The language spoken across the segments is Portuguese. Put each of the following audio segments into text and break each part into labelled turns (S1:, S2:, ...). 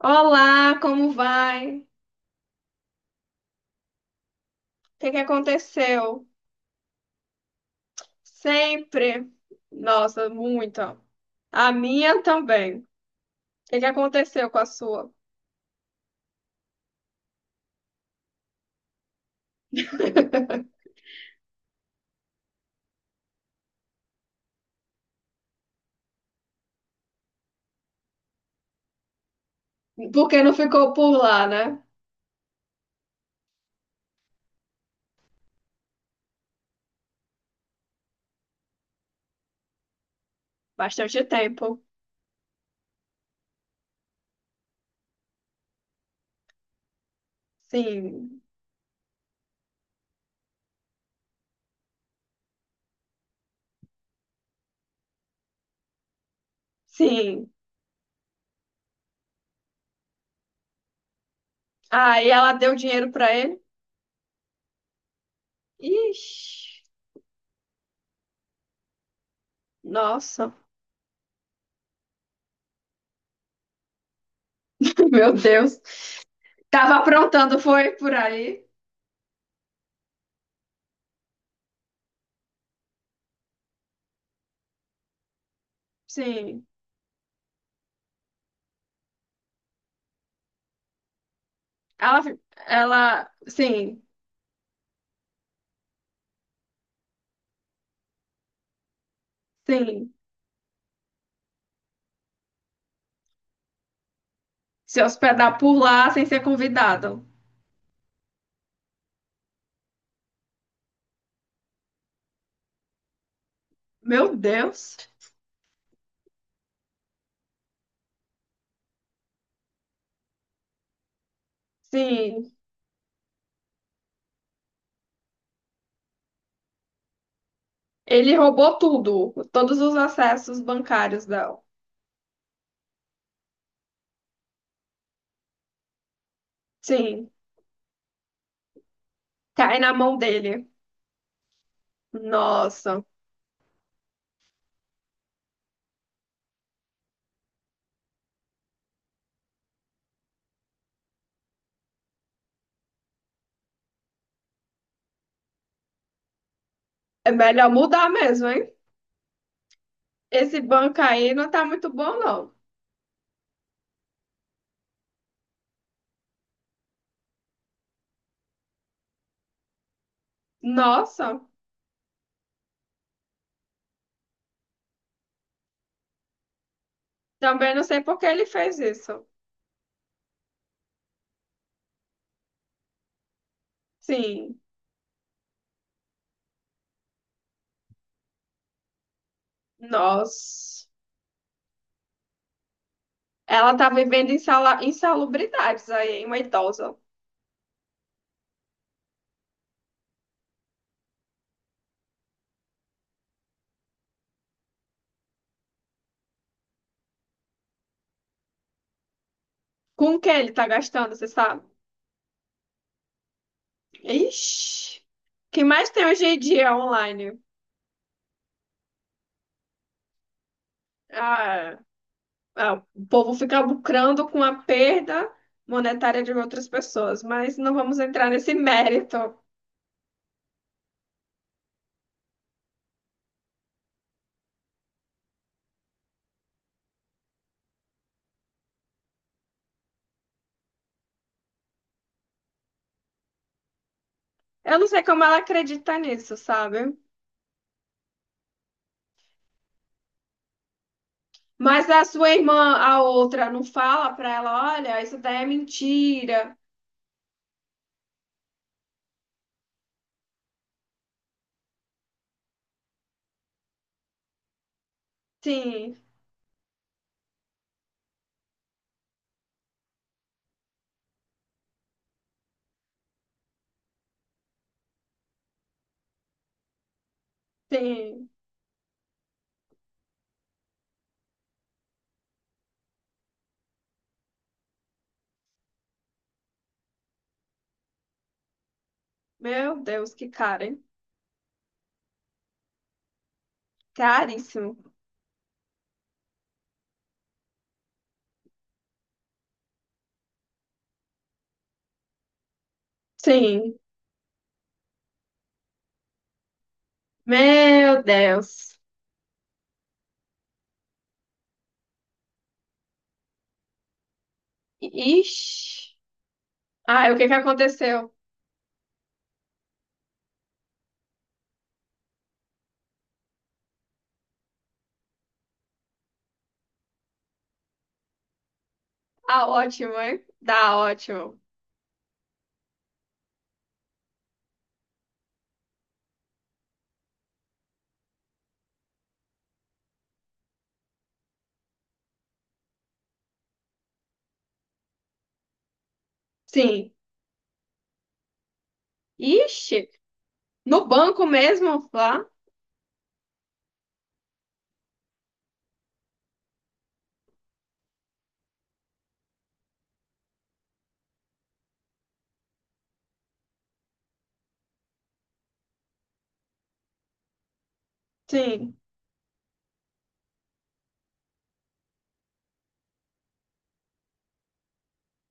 S1: Olá, como vai? O que que aconteceu? Sempre. Nossa, muita. A minha também. O que que aconteceu com a sua? Porque não ficou por lá, né? Bastante tempo. Sim, sim. Aí ela deu dinheiro pra ele. Ixi, nossa, meu Deus. Tava aprontando, foi por aí? Sim. Ela, ela, sim. Se hospedar por lá sem ser convidado. Meu Deus! Sim, ele roubou tudo, todos os acessos bancários dela. Sim, cai na mão dele. Nossa, é melhor mudar mesmo, hein? Esse banco aí não tá muito bom, não. Nossa, também não sei por que ele fez isso. Sim, nossa. Ela tá vivendo insalubridades aí, hein, uma idosa. Com o que ele tá gastando, você sabe? Ixi. O que mais tem hoje em dia online? Ah, ah, o povo fica lucrando com a perda monetária de outras pessoas, mas não vamos entrar nesse mérito. Eu não sei como ela acredita nisso, sabe? Mas a sua irmã, a outra, não fala pra ela, olha, isso daí é mentira. Sim, sim. Meu Deus, que cara, hein? Caríssimo. Sim. Meu Deus. Ixi. Ah, o que que aconteceu? Ah, ótimo, hein? Dá, ótimo. Sim. Ixi, no banco mesmo, lá? Sim.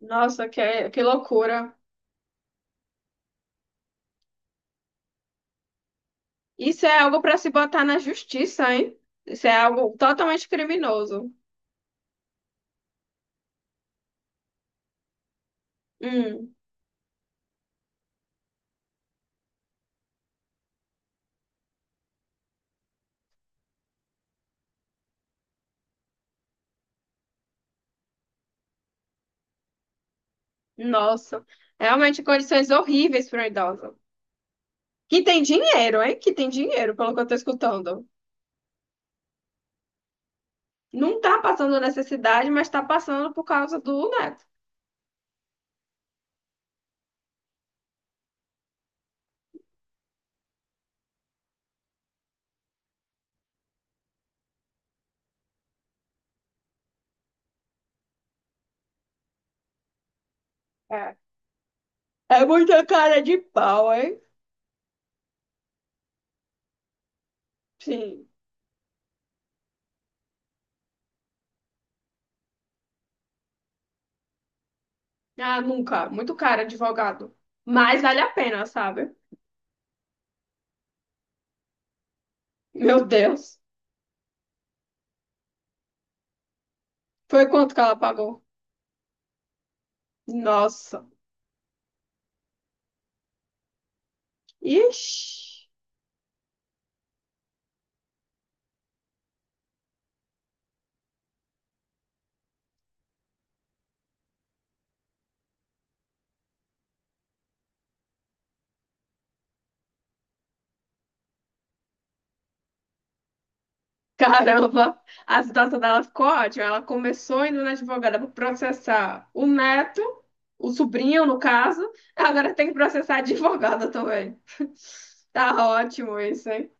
S1: Nossa, que loucura. Isso é algo para se botar na justiça, hein? Isso é algo totalmente criminoso. Hum, nossa. Realmente condições horríveis para um idoso. Que tem dinheiro, hein? Que tem dinheiro, pelo que eu tô escutando. Não tá passando necessidade, mas tá passando por causa do neto. É. É muita cara de pau, hein? Sim. Ah, nunca. Muito caro advogado. Mas vale a pena, sabe? Meu Deus. Foi quanto que ela pagou? Nossa. Ixi. Caramba. A situação dela ficou ótima. Ela começou indo na advogada para processar o neto, o sobrinho, no caso. Agora tem que processar a advogada também. Tá ótimo isso, hein?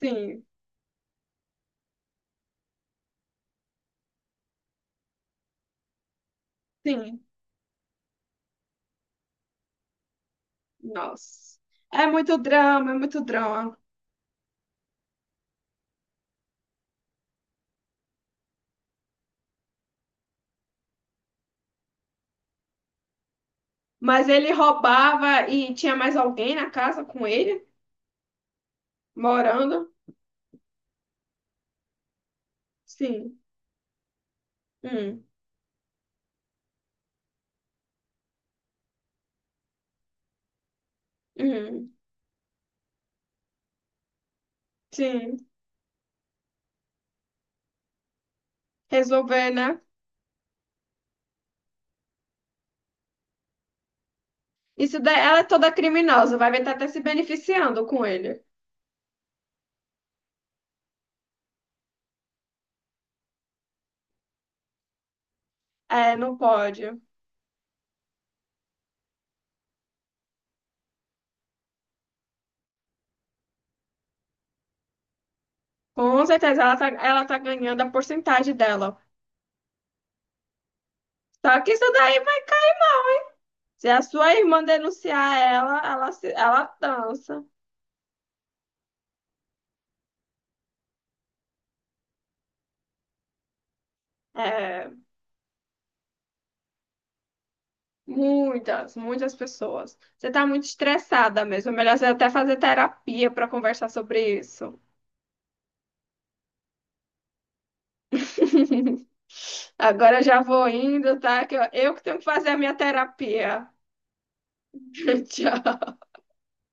S1: Sim, sim. Nossa. É muito drama, é muito drama. Mas ele roubava e tinha mais alguém na casa com ele? Morando? Sim. Hum, hum, sim. Resolver, né? Isso daí, ela é toda criminosa, vai estar até se beneficiando com ele. É, não pode. Com certeza, ela tá ganhando a porcentagem dela. Só que isso daí vai cair. Se a sua irmã denunciar ela, ela dança. É, muitas, muitas pessoas. Você tá muito estressada mesmo. É melhor você até fazer terapia para conversar sobre isso. Agora eu já vou indo, tá? Que eu que tenho que fazer a minha terapia. Tchau.